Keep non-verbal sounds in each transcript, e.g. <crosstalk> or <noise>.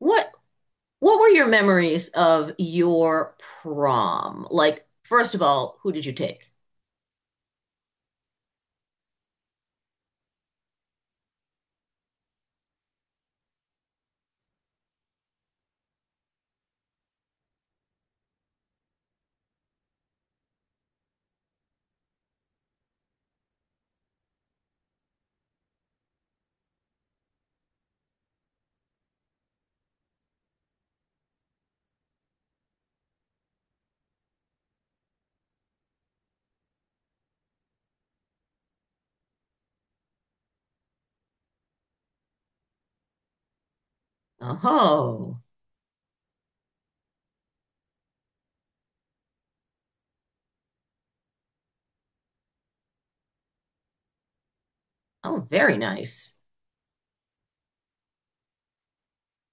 What what were your memories of your prom? Like, first of all, who did you take? Oh, oh, very nice.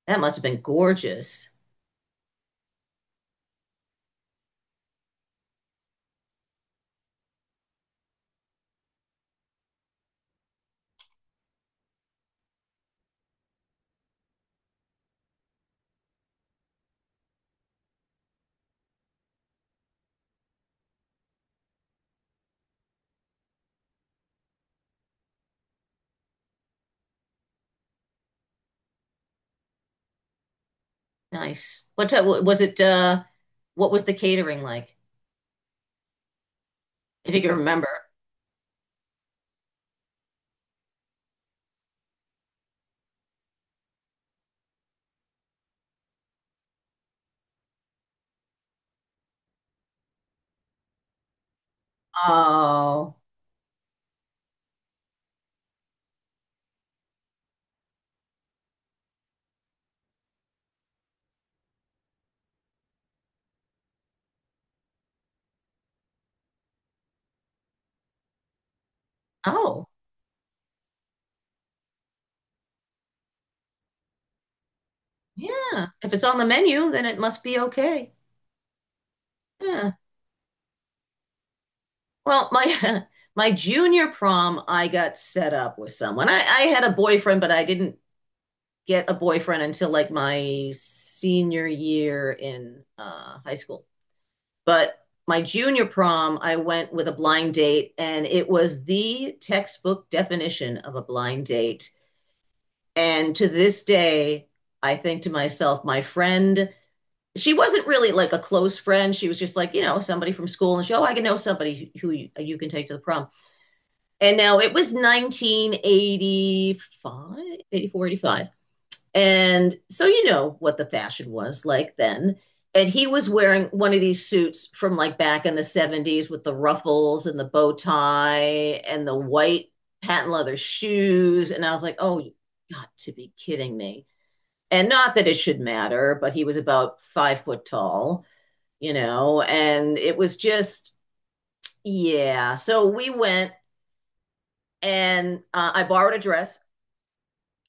That must have been gorgeous. Nice. What was it? What was the catering like? If you can remember. Oh, oh, yeah. If it's on the menu, then it must be okay. Yeah. Well, my <laughs> my junior prom, I got set up with someone. I had a boyfriend, but I didn't get a boyfriend until like my senior year in high school. But my junior prom, I went with a blind date, and it was the textbook definition of a blind date. And to this day, I think to myself, my friend, she wasn't really like a close friend. She was just like, somebody from school. And she, oh, I can know somebody who you can take to the prom. And now it was 1985, 84, 85. And so you know what the fashion was like then. And he was wearing one of these suits from like back in the 70s with the ruffles and the bow tie and the white patent leather shoes. And I was like, oh, you got to be kidding me. And not that it should matter, but he was about 5 foot tall, and it was just, yeah. So we went and I borrowed a dress.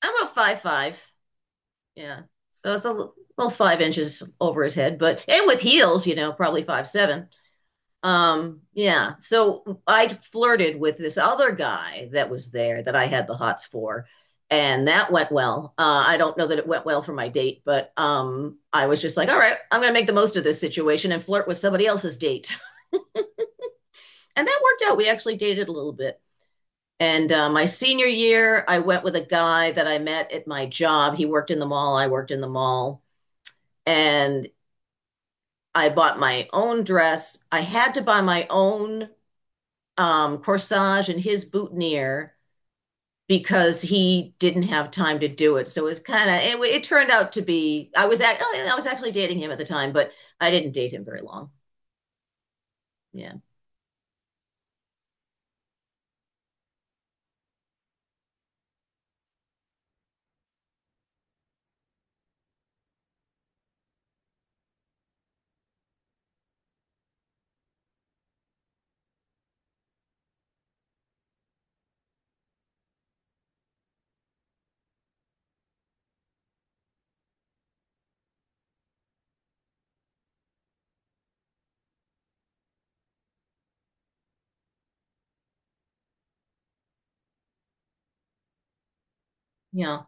I'm about 5'5". Yeah. So it's a little 5 inches over his head, but and with heels, probably 5'7". Yeah. So I flirted with this other guy that was there that I had the hots for, and that went well. I don't know that it went well for my date, but I was just like, all right, I'm gonna make the most of this situation and flirt with somebody else's date, <laughs> and that worked out. We actually dated a little bit. And my senior year, I went with a guy that I met at my job. He worked in the mall. I worked in the mall and I bought my own dress. I had to buy my own corsage and his boutonniere because he didn't have time to do it. So it was kind of it turned out to be I was actually dating him at the time, but I didn't date him very long. Yeah. Yeah.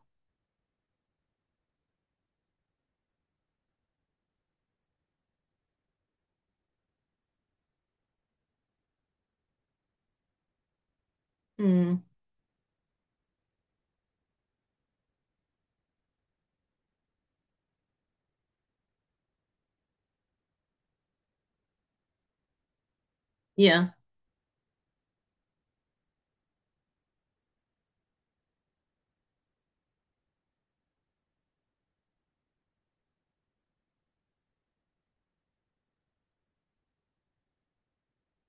Mm, yeah.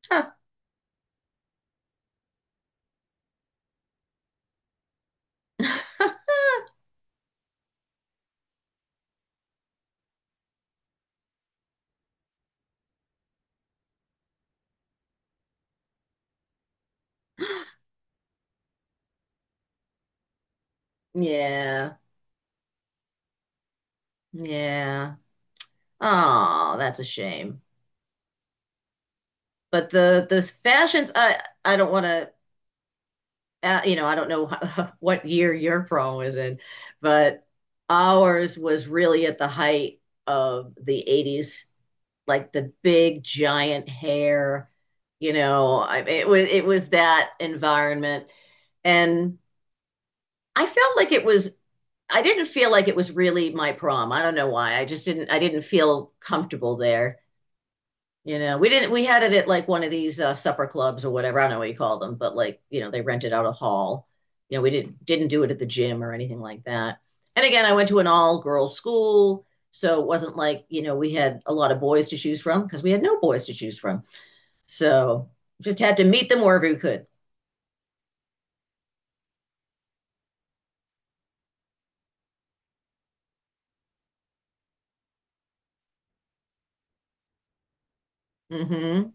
Huh. <laughs> Yeah. Yeah. Oh, that's a shame. But the fashions I don't want to I don't know <laughs> how, what year your prom was in, but ours was really at the height of the 80s, like the big giant hair, it was that environment and I felt like it was I didn't feel like it was really my prom. I don't know why. I just didn't feel comfortable there. We didn't, we had it at like one of these supper clubs or whatever. I don't know what you call them, but like, they rented out a hall. We didn't do it at the gym or anything like that. And again, I went to an all girls school. So it wasn't like, we had a lot of boys to choose from because we had no boys to choose from. So just had to meet them wherever we could. Mm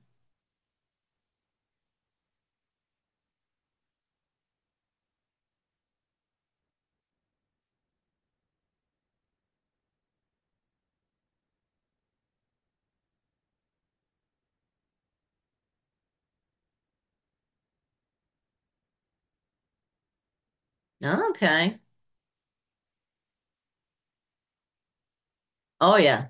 hmm. Okay. Oh, yeah.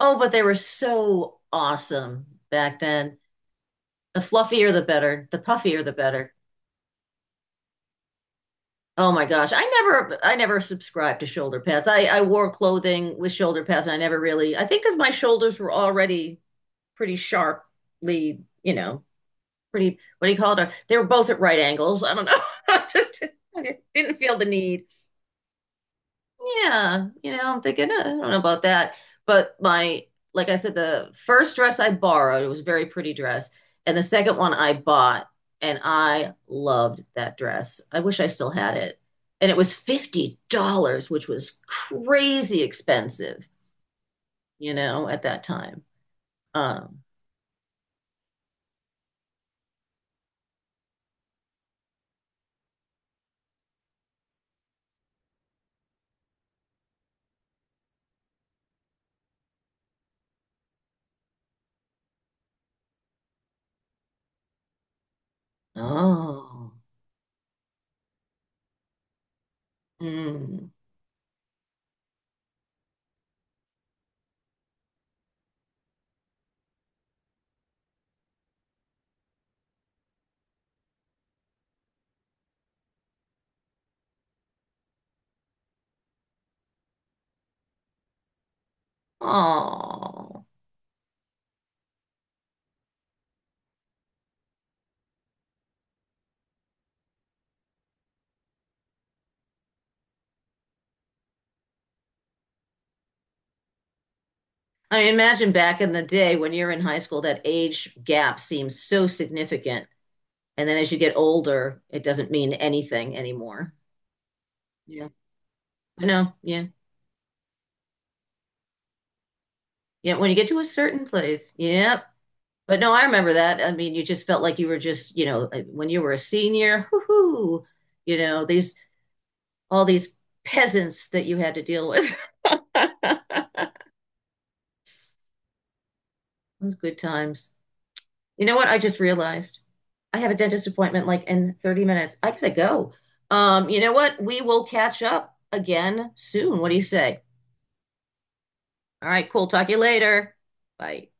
Oh, but they were so awesome back then. The fluffier, the better. The puffier, the better. Oh my gosh. I never subscribed to shoulder pads. I wore clothing with shoulder pads and I never really I think because my shoulders were already pretty sharply, pretty what do you call it? They were both at right angles. I don't know. <laughs> I just I just didn't feel the need. Yeah, I'm thinking, I don't know about that. But like I said, the first dress I borrowed, it was a very pretty dress. And the second one I bought, and I loved that dress. I wish I still had it. And it was $50, which was crazy expensive, at that time. Um, oh, mm, oh. I mean, imagine back in the day when you're in high school, that age gap seems so significant. And then as you get older, it doesn't mean anything anymore. Yeah. No, yeah. Yeah. When you get to a certain place. Yep. But no, I remember that. I mean, you just felt like you were just, when you were a senior, whoo, these all these peasants that you had to deal with. <laughs> Those good times. You know what? I just realized I have a dentist appointment like in 30 minutes. I gotta go. You know what? We will catch up again soon. What do you say? All right, cool. Talk to you later. Bye.